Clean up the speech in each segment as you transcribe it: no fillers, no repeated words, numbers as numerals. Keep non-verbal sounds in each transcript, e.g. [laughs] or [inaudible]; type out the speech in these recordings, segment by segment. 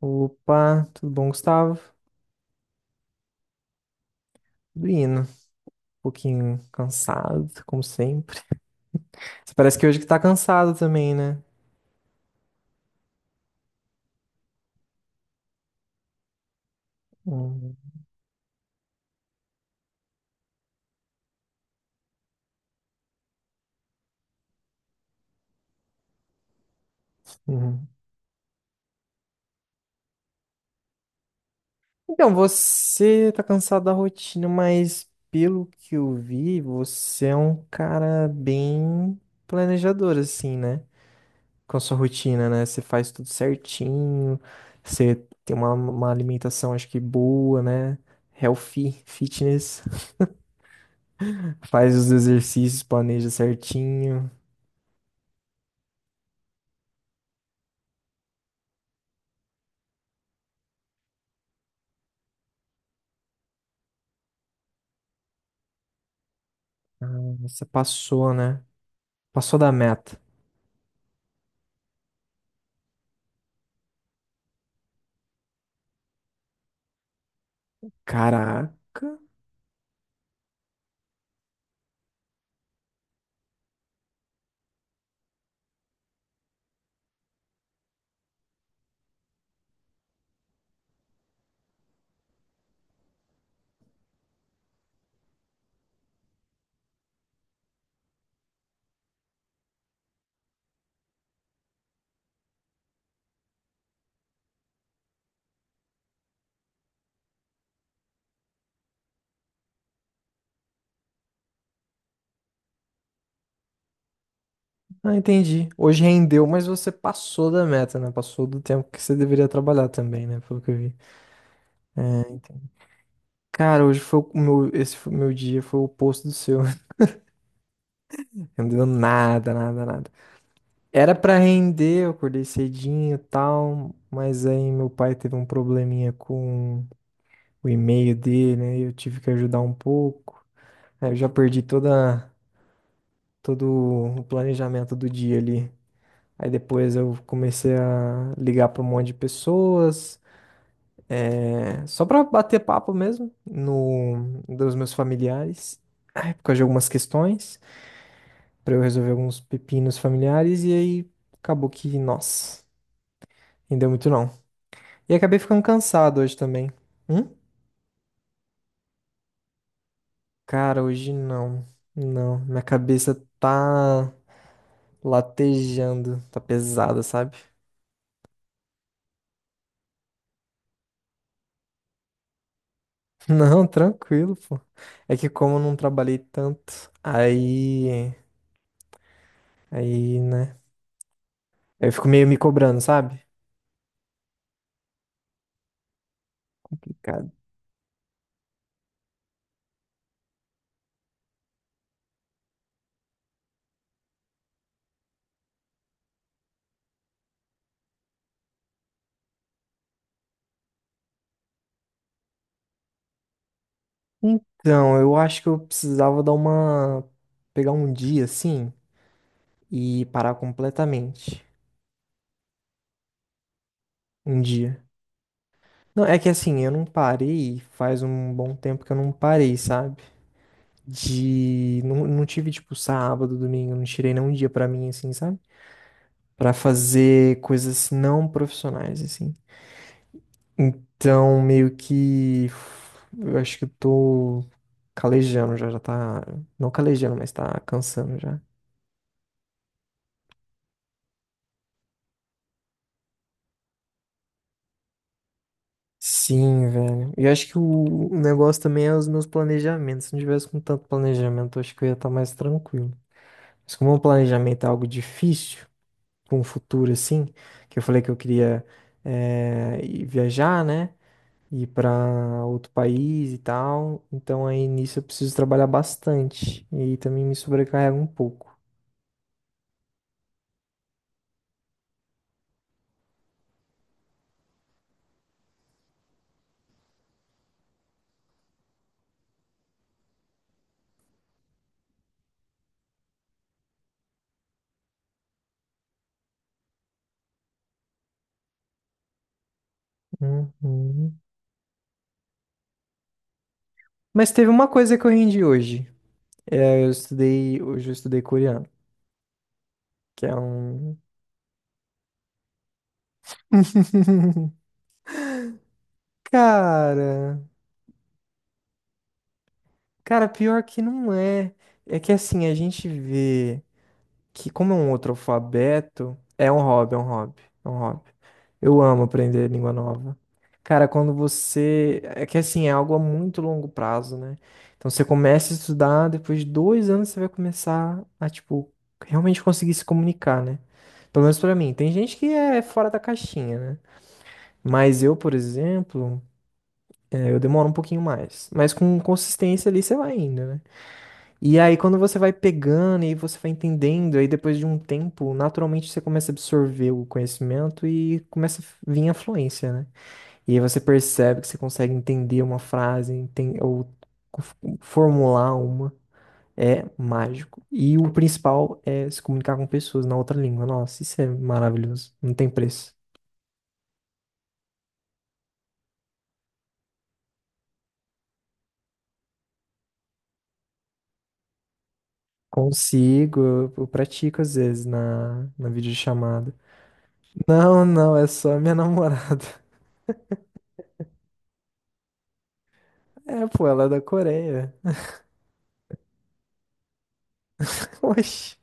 Opa, tudo bom, Gustavo? Tudo indo. Um pouquinho cansado, como sempre. Você parece que hoje que tá cansado também, né? Uhum. Uhum. Então, você tá cansado da rotina, mas pelo que eu vi, você é um cara bem planejador, assim, né? Com a sua rotina, né? Você faz tudo certinho, você tem uma alimentação, acho que boa, né? Healthy, fitness, [laughs] faz os exercícios, planeja certinho. Você passou, né? Passou da meta. Caraca. Ah, entendi. Hoje rendeu, mas você passou da meta, né? Passou do tempo que você deveria trabalhar também, né? Pelo que eu vi. Cara, hoje foi o meu, esse foi o meu dia, foi o oposto do seu. [laughs] Não deu nada, nada, nada. Era pra render, eu acordei cedinho e tal, mas aí meu pai teve um probleminha com o e-mail dele, né? E eu tive que ajudar um pouco. Aí eu já perdi toda, todo o planejamento do dia ali. Aí depois eu comecei a ligar para um monte de pessoas, é, só para bater papo mesmo no dos meus familiares, é, por causa de algumas questões, para eu resolver alguns pepinos familiares e aí acabou que, nossa, não deu muito não. E acabei ficando cansado hoje também. Hum? Cara, hoje não. Não, minha cabeça tá latejando, tá pesada, sabe? [laughs] Não, tranquilo, pô. É que como eu não trabalhei tanto, aí. Aí, né? Eu fico meio me cobrando, sabe? Complicado. Então, eu acho que eu precisava dar uma. Pegar um dia assim e parar completamente. Um dia. Não, é que assim, eu não parei, faz um bom tempo que eu não parei, sabe? De. Não, não tive, tipo, sábado, domingo, não tirei nem um dia pra mim, assim, sabe? Pra fazer coisas não profissionais, assim. Então, meio que. Eu acho que eu tô calejando já, já tá. Não calejando, mas tá cansando já. Sim, velho. E eu acho que o negócio também é os meus planejamentos. Se não tivesse com tanto planejamento, eu acho que eu ia estar mais tranquilo. Mas como o planejamento é algo difícil, com o futuro assim, que eu falei que eu queria ir viajar, né? Ir pra outro país e tal. Então aí nisso eu preciso trabalhar bastante. E também me sobrecarrega um pouco. Uhum. Mas teve uma coisa que eu rendi hoje. É, eu estudei, hoje eu estudei coreano, que é um. [laughs] Cara, cara, pior que não é. É que assim, a gente vê. Que como é um outro alfabeto, é um hobby, é um hobby, é um hobby. Eu amo aprender língua nova. Cara, quando você. É que assim, é algo a muito longo prazo, né? Então você começa a estudar, depois de 2 anos você vai começar a, tipo, realmente conseguir se comunicar, né? Pelo menos pra mim. Tem gente que é fora da caixinha, né? Mas eu, por exemplo, é, eu demoro um pouquinho mais. Mas com consistência ali você vai indo, né? E aí, quando você vai pegando e você vai entendendo, aí depois de um tempo, naturalmente você começa a absorver o conhecimento e começa a vir a fluência, né? E aí você percebe que você consegue entender uma frase, f- formular uma. É mágico. E o principal é se comunicar com pessoas na outra língua. Nossa, isso é maravilhoso. Não tem preço. Consigo, eu pratico às vezes na videochamada. Não, não, é só minha namorada. [laughs] É, pô, ela é da Coreia. [laughs] Oxi.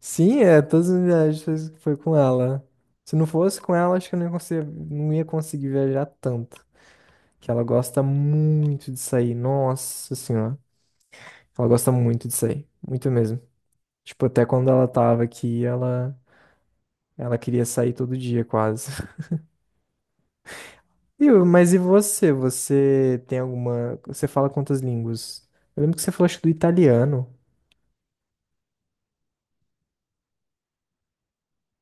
Sim, é, todas as viagens foi com ela. Se não fosse com ela, acho que eu não ia conseguir, não ia conseguir viajar tanto. Que ela gosta muito de sair. Nossa senhora. Ela gosta muito de sair. Muito mesmo. Tipo, até quando ela tava aqui, ela queria sair todo dia, quase. [laughs] E, mas e você? Você tem alguma. Você fala quantas línguas? Eu lembro que você falou, acho, que do italiano,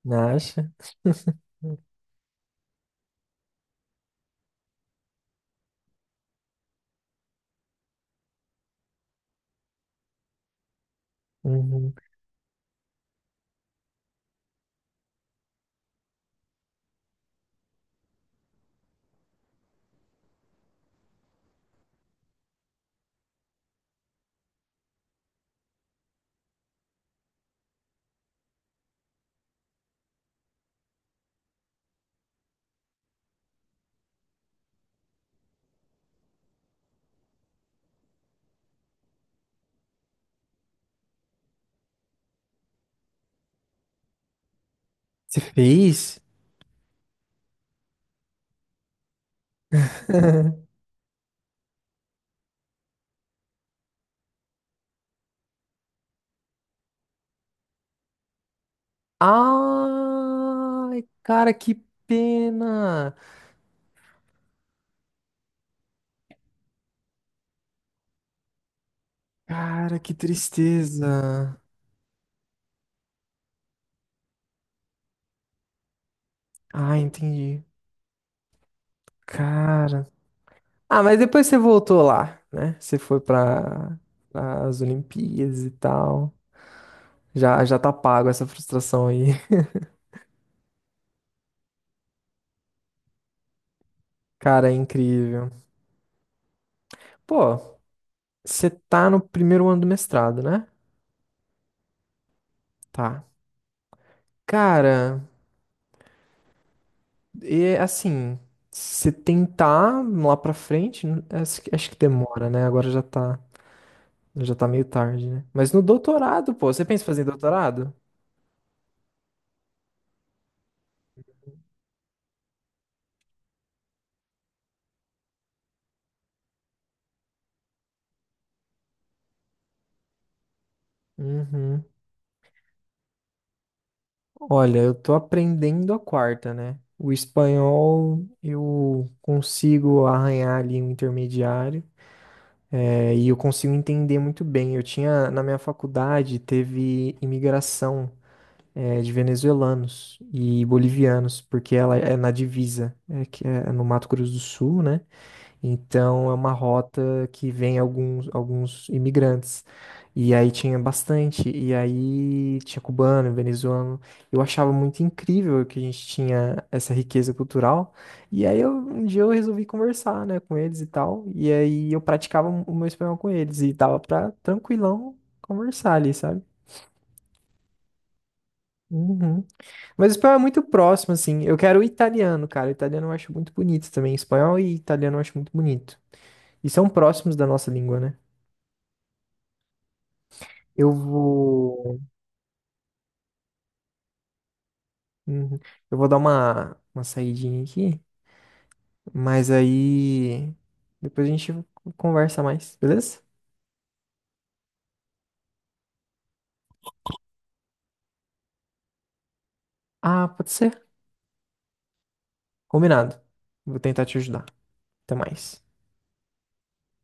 não acha? Uhum. Você fez? [laughs] Ai, cara, que pena. Cara, que tristeza. Ah, entendi. Cara. Ah, mas depois você voltou lá, né? Você foi para as Olimpíadas e tal. Já, já tá pago essa frustração aí. [laughs] Cara, é incrível. Pô, você tá no primeiro ano do mestrado, né? Tá. Cara, e assim, se tentar lá pra frente, acho que demora, né? Agora já tá. Já tá meio tarde, né? Mas no doutorado, pô, você pensa em fazer doutorado? Uhum. Olha, eu tô aprendendo a quarta, né? O espanhol eu consigo arranhar ali um intermediário, é, e eu consigo entender muito bem. Eu tinha, na minha faculdade, teve imigração, é, de venezuelanos e bolivianos, porque ela é na divisa, é que é no Mato Grosso do Sul, né? Então é uma rota que vem alguns imigrantes. E aí tinha bastante, e aí tinha cubano, venezuelano. Eu achava muito incrível que a gente tinha essa riqueza cultural. E aí um dia eu resolvi conversar, né, com eles e tal. E aí eu praticava o meu espanhol com eles e tava pra tranquilão conversar ali, sabe? Uhum. Mas o espanhol é muito próximo, assim. Eu quero o italiano, cara. O italiano eu acho muito bonito também. Espanhol e italiano eu acho muito bonito. E são próximos da nossa língua, né? Eu vou. Uhum. Eu vou dar uma saidinha aqui, mas aí depois a gente conversa mais, beleza? Ah, pode ser? Combinado. Vou tentar te ajudar. Até mais.